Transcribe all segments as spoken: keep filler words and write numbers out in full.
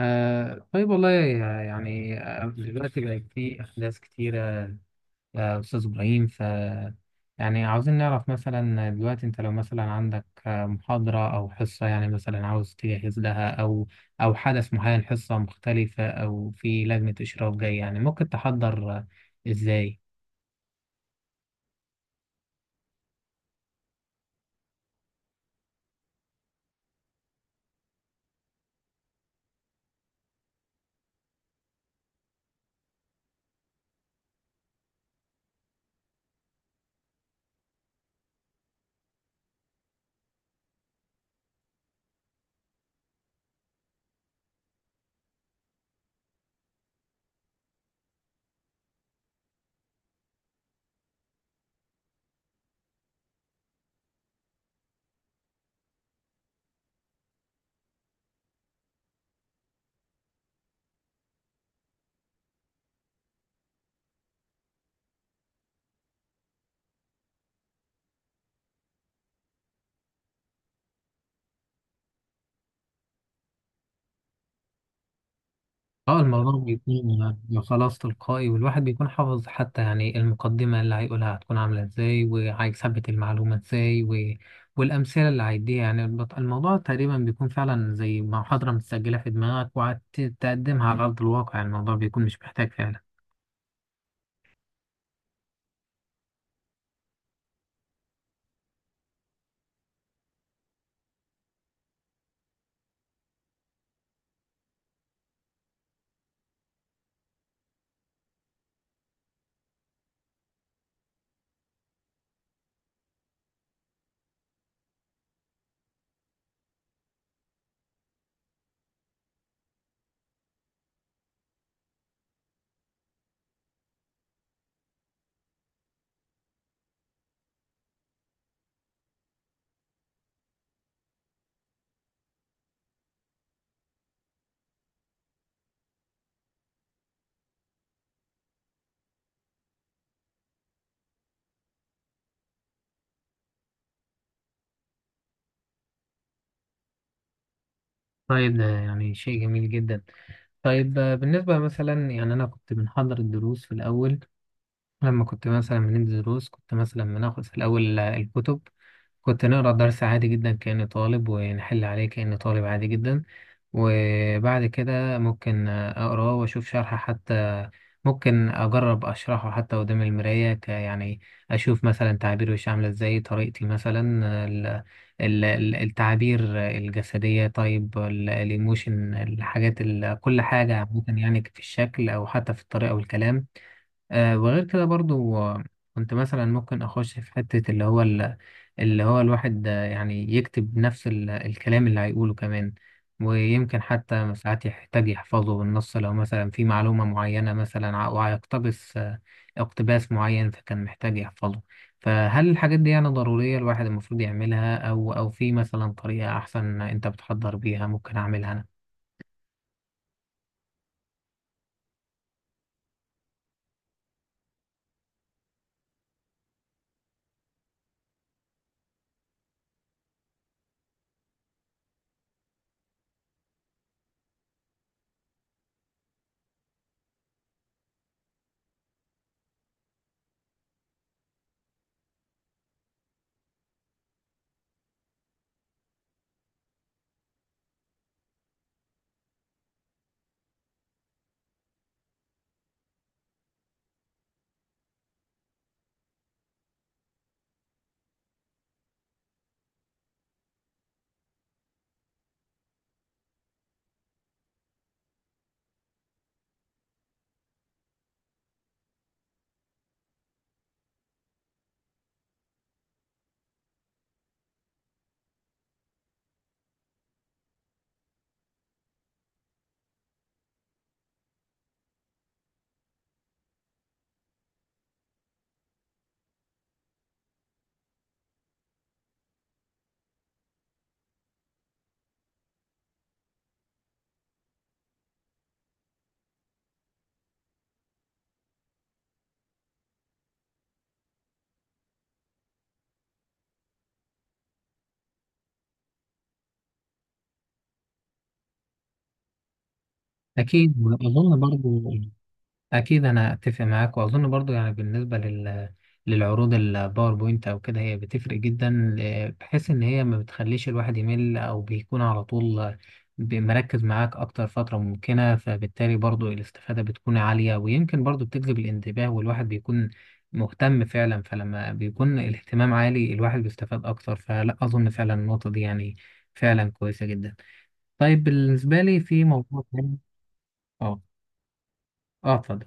آه طيب والله. يعني آه، دلوقتي بقى في أحداث كتيرة يا أستاذ إبراهيم ف يعني عاوزين نعرف مثلا دلوقتي أنت لو مثلا عندك آه، محاضرة أو حصة يعني مثلا عاوز تجهز لها أو أو حدث معين حصة مختلفة أو في لجنة إشراف جاي يعني ممكن تحضر آه، إزاي؟ اه، الموضوع بيكون يعني خلاص تلقائي والواحد بيكون حافظ حتى يعني المقدمة اللي هيقولها هتكون عاملة ازاي وهيثبت المعلومة ازاي و... والأمثلة اللي هيديها يعني البط- الموضوع تقريبا بيكون فعلا زي محاضرة متسجلة في دماغك وهتقدمها على أرض الواقع يعني الموضوع بيكون مش محتاج فعلا. طيب ده يعني شيء جميل جدا. طيب آه، بالنسبة مثلا يعني أنا كنت بنحضر الدروس في الأول. لما كنت مثلا بندي دروس كنت مثلا بناخد في الأول آه، الكتب. كنت نقرا الدرس عادي جدا كأني طالب ونحل عليه كأني طالب عادي جدا. وبعد كده ممكن أقراه وأشوف شرح حتى ممكن أجرب أشرحه حتى قدام المراية ك يعني أشوف مثلا تعبير وشي عاملة إزاي طريقتي مثلا ال- ال- ال- التعابير الجسدية. طيب ال- الإيموشن الحاجات ال- كل حاجة عامة يعني في الشكل أو حتى في الطريقة والكلام آه، وغير كده برضو آه، كنت مثلا ممكن اخش في حتة اللي هو ال- اللي هو الواحد آه، يعني يكتب نفس ال- الكلام اللي هيقوله كمان ويمكن حتى ساعات يحتاج يحفظه بالنص لو مثلا في معلومة معينة مثلا ع- وهيقتبس آه، اقتباس معين فكان محتاج يحفظه. فهل الحاجات دي يعني ضرورية الواحد المفروض يعملها أو أو في مثلا طريقة أحسن أنت بتحضر بيها ممكن أعملها أنا؟ أكيد وأظن برضو. أكيد أنا أتفق معاك وأظن برضو يعني بالنسبة لل للعروض الباوربوينت أو كده هي بتفرق جدا ل- بحيث إن هي ما بتخليش الواحد يمل أو بيكون على طول ب- مركز معاك أكتر فترة ممكنة فبالتالي برضو الاستفادة بتكون عالية ويمكن برضو بتجذب الانتباه والواحد بيكون مهتم فعلا. فلما بيكون الاهتمام عالي الواحد بيستفاد أكتر فلا أظن فعلا النقطة دي يعني فعلا كويسة جدا. طيب بالنسبة لي في موضوع تاني. اه. اه، اتفضل.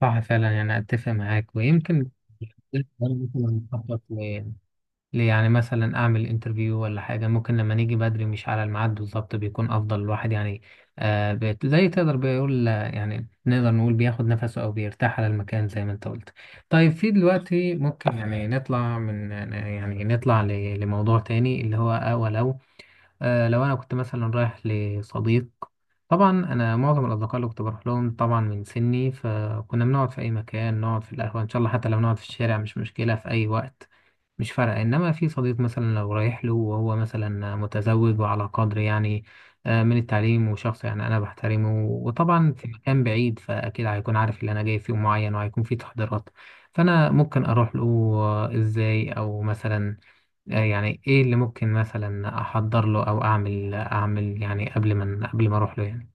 صح فعلا يعني أتفق معاك ويمكن أنا مثلا أخطط ل- ل- يعني مثلا أعمل انترفيو ولا حاجة ممكن لما نيجي بدري مش على الميعاد بالظبط بيكون أفضل الواحد يعني آه بيت- زي تقدر بيقول آه، يعني نقدر نقول بياخد نفسه أو بيرتاح على المكان زي ما أنت قلت. طيب في دلوقتي ممكن يعني نطلع من يعني نطلع ل- لموضوع تاني اللي هو آه ولو آه لو أنا كنت مثلا رايح لصديق. طبعا انا معظم الاصدقاء اللي كنت بروح لهم طبعا من سني فكنا بنقعد في اي مكان نقعد في القهوه ان شاء الله حتى لو نقعد في الشارع مش مشكله في اي وقت. مش فارقه انما في صديق مثلا لو رايح له وهو مثلا متزوج وعلى قدر يعني آه، من التعليم وشخص يعني انا بحترمه وطبعا في مكان بعيد فاكيد هيكون عارف اللي انا جاي في يوم معين وهيكون في تحضيرات فانا ممكن اروح له آه، ازاي او مثلا آه، يعني ايه اللي ممكن مثلا احضر له او اعمل اعمل يعني قبل ما قبل ما اروح له يعني.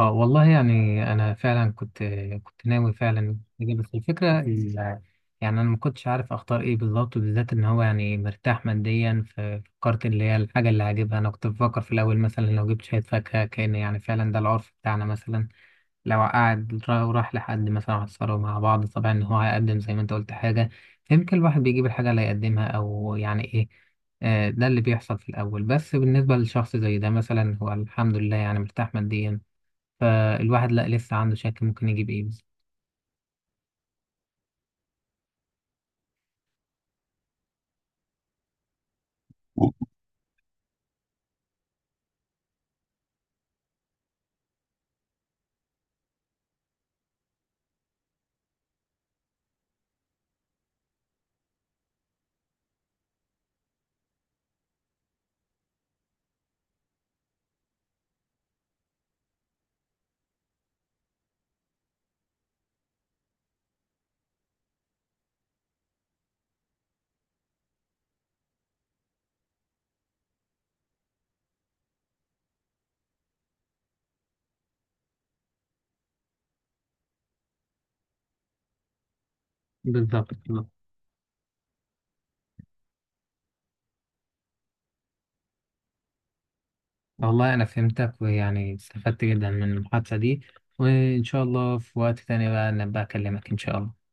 اه والله يعني انا فعلا كنت كنت ناوي فعلا أجي، بس الفكره ال- يعني انا ما كنتش عارف اختار ايه بالظبط بالذات ان هو يعني مرتاح ماديا ففكرت اللي هي الحاجه اللي هجيبها انا كنت بفكر في الاول مثلا لو جبت شويه فاكهه كان يعني فعلا ده العرف بتاعنا مثلا لو قعد را- وراح لحد مثلا عصروا مع بعض طبعا ان هو هيقدم زي ما انت قلت حاجه فيمكن الواحد بيجيب الحاجه اللي هيقدمها او يعني ايه آه، ده اللي بيحصل في الأول بس بالنسبة لشخص زي ده مثلا هو الحمد لله يعني مرتاح ماديا فالواحد لا لسه عنده شك ممكن يجيب ايه بس. بالظبط بالظبط. والله انا فهمتك ويعني استفدت جدا من المحادثة دي وان شاء الله في وقت تاني بقى نبقى اكلمك ان شاء الله.